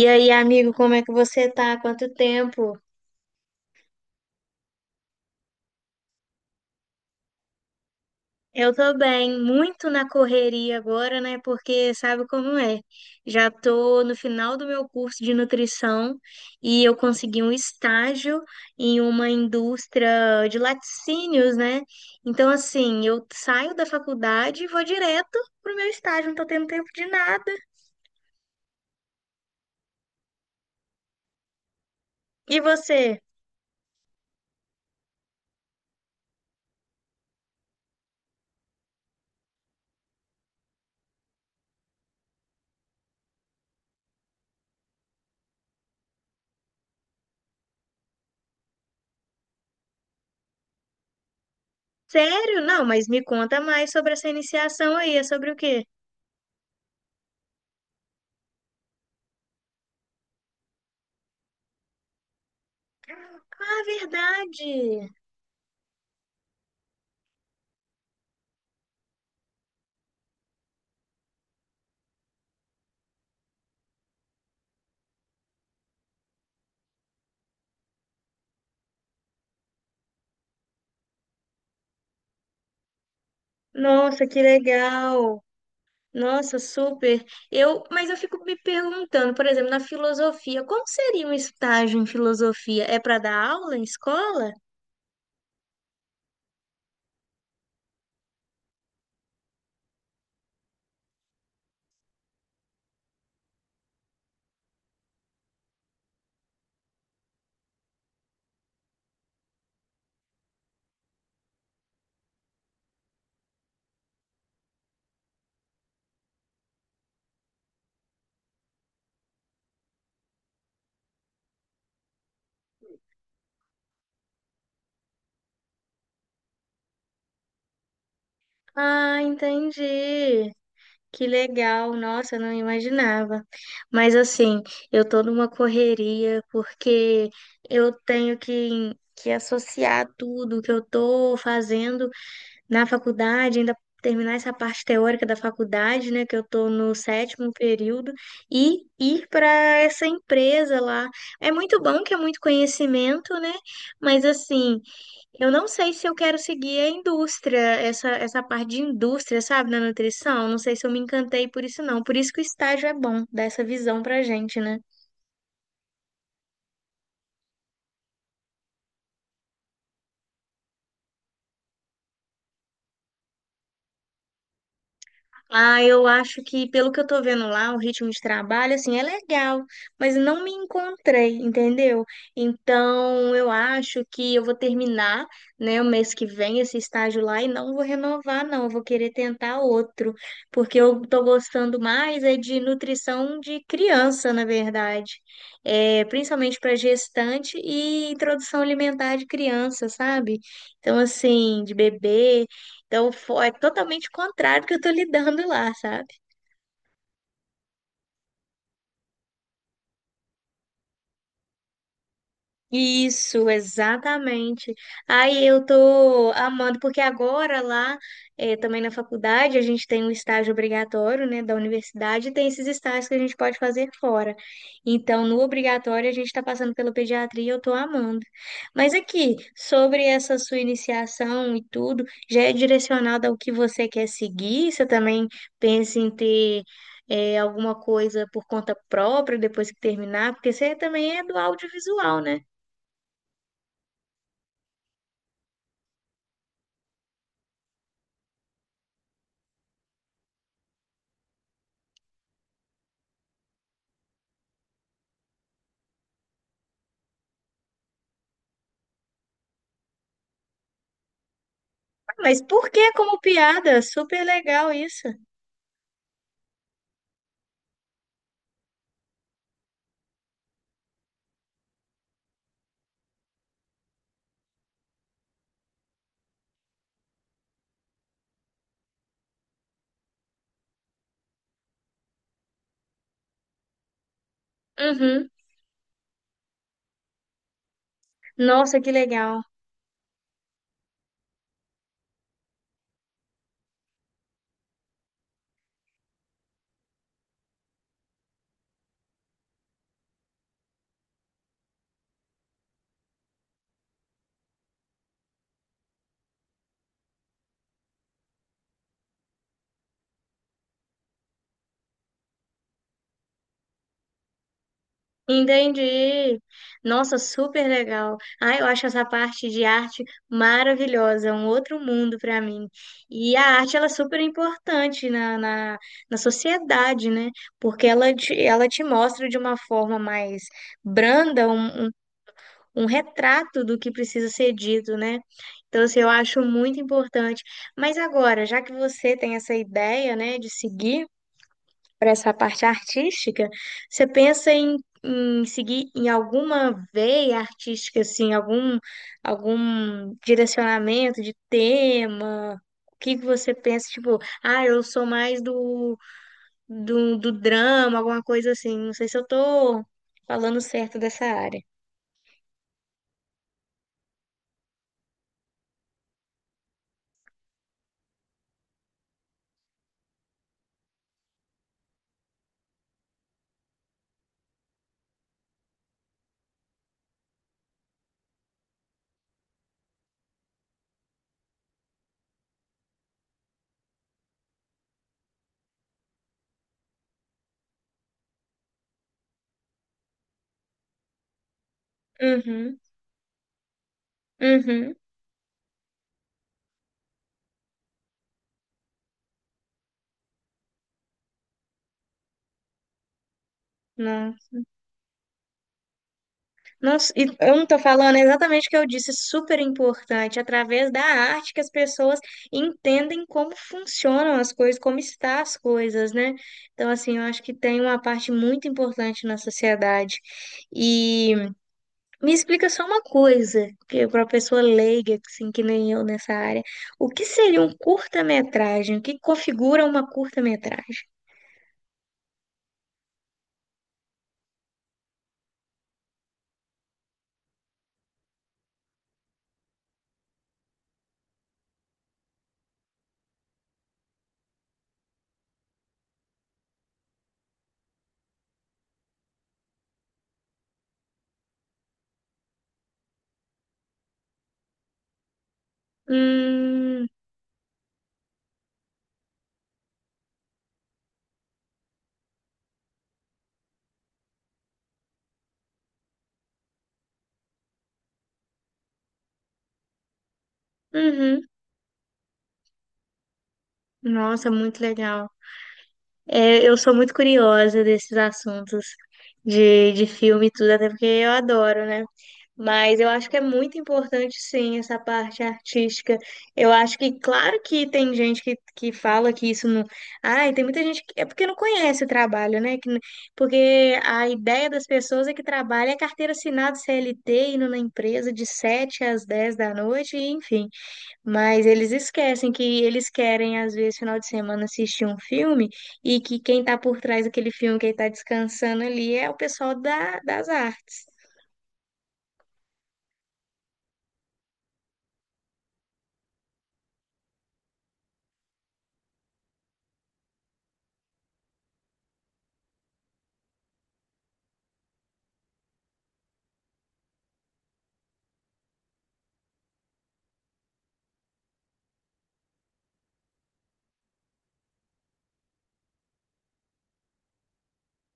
E aí, amigo, como é que você tá? Quanto tempo? Eu tô bem, muito na correria agora, né? Porque sabe como é? Já tô no final do meu curso de nutrição e eu consegui um estágio em uma indústria de laticínios, né? Então, assim, eu saio da faculdade e vou direto pro meu estágio, não tô tendo tempo de nada. E você? Sério? Não, mas me conta mais sobre essa iniciação aí, é sobre o quê? Ah, verdade! Nossa, que legal! Nossa, super. Eu, mas eu fico me perguntando, por exemplo, na filosofia, como seria um estágio em filosofia? É para dar aula em escola? Ah, entendi. Que legal. Nossa, eu não imaginava. Mas assim, eu tô numa correria porque eu tenho que associar tudo que eu tô fazendo na faculdade, ainda terminar essa parte teórica da faculdade, né, que eu tô no sétimo período, e ir para essa empresa lá. É muito bom que é muito conhecimento, né? Mas assim, eu não sei se eu quero seguir a indústria, essa parte de indústria, sabe, na nutrição. Não sei se eu me encantei por isso, não. Por isso que o estágio é bom, dá essa visão pra gente, né? Ah, eu acho que, pelo que eu tô vendo lá, o ritmo de trabalho, assim, é legal, mas não me encontrei, entendeu? Então, eu acho que eu vou terminar, né, o mês que vem esse estágio lá e não vou renovar, não. Eu vou querer tentar outro, porque eu tô gostando mais é de nutrição de criança, na verdade. É, principalmente para gestante e introdução alimentar de criança, sabe? Então, assim, de bebê. Então, é totalmente contrário do que eu tô lidando lá, sabe? Isso, exatamente. Aí eu tô amando, porque agora lá, também na faculdade, a gente tem um estágio obrigatório, né, da universidade, e tem esses estágios que a gente pode fazer fora. Então, no obrigatório, a gente está passando pela pediatria, e eu tô amando. Mas aqui, sobre essa sua iniciação e tudo, já é direcionado ao que você quer seguir? Você também pensa em ter. Alguma coisa por conta própria depois que terminar, porque você também é do audiovisual, né? Mas por que como piada? Super legal isso. Uhum. Nossa, que legal. Entendi. Nossa, super legal. Ah, eu acho essa parte de arte maravilhosa, um outro mundo para mim. E a arte ela é super importante na sociedade, né? Porque ela te mostra de uma forma mais branda um, um retrato do que precisa ser dito, né? Então, assim, eu acho muito importante. Mas agora, já que você tem essa ideia, né, de seguir para essa parte artística, você pensa em, seguir em alguma veia artística, assim, algum, algum direcionamento de tema? O que que você pensa, tipo, ah, eu sou mais do drama, alguma coisa assim. Não sei se eu tô falando certo dessa área. Uhum, uhum. Não, Nossa, e eu não estou falando exatamente o que eu disse, super importante, através da arte que as pessoas entendem como funcionam as coisas, como estão as coisas, né? Então, assim, eu acho que tem uma parte muito importante na sociedade. E me explica só uma coisa, que para uma pessoa leiga, assim, que nem eu nessa área, o que seria um curta-metragem? O que configura uma curta-metragem? Hum, uhum. Nossa, muito legal. É, eu sou muito curiosa desses assuntos de filme e tudo, até porque eu adoro, né? Mas eu acho que é muito importante, sim, essa parte artística. Eu acho que, claro que tem gente que fala que isso não. Ai, tem muita gente que. É porque não conhece o trabalho, né? Que, porque a ideia das pessoas é que trabalha é carteira assinada CLT, indo na empresa de 7 às 10 da noite, e, enfim. Mas eles esquecem que eles querem, às vezes, final de semana assistir um filme e que quem está por trás daquele filme, quem está descansando ali, é o pessoal das artes.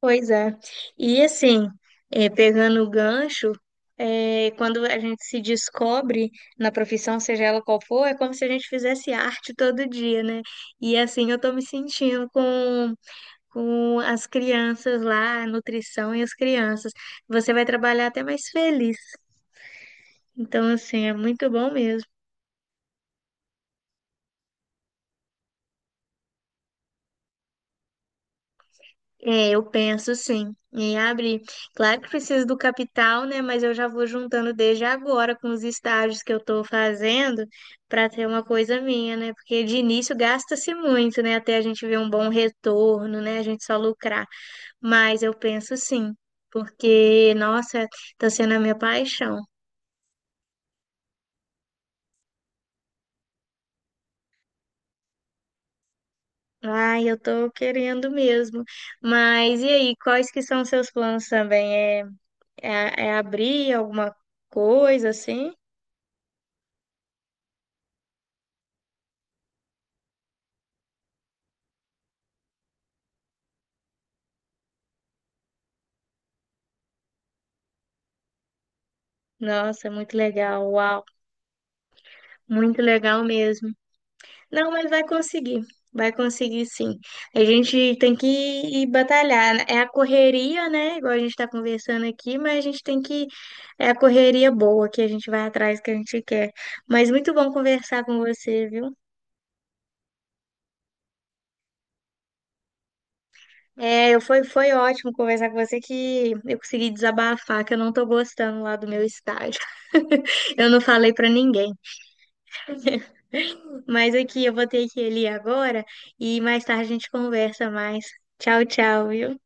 Pois é. E assim, pegando o gancho, quando a gente se descobre na profissão, seja ela qual for, é como se a gente fizesse arte todo dia, né? E assim eu tô me sentindo com as crianças lá, a nutrição e as crianças. Você vai trabalhar até mais feliz. Então, assim, é muito bom mesmo. É, eu penso sim em abrir. Claro que preciso do capital, né? Mas eu já vou juntando desde agora com os estágios que eu estou fazendo para ter uma coisa minha, né? Porque de início gasta-se muito, né? Até a gente ver um bom retorno, né? A gente só lucrar. Mas eu penso sim, porque, nossa, está sendo a minha paixão. Ai, eu tô querendo mesmo. Mas e aí, quais que são os seus planos também? É abrir alguma coisa assim? Nossa, é muito legal, uau, muito legal mesmo. Não, mas vai conseguir sim. A gente tem que ir batalhar. Né? É a correria, né? Igual a gente está conversando aqui, mas a gente tem que. É a correria boa que a gente vai atrás que a gente quer. Mas muito bom conversar com você, viu? É, foi, foi ótimo conversar com você que eu consegui desabafar, que eu não tô gostando lá do meu estágio. Eu não falei para ninguém. Mas aqui eu vou ter que ir ali agora e mais tarde a gente conversa mais. Tchau, tchau, viu?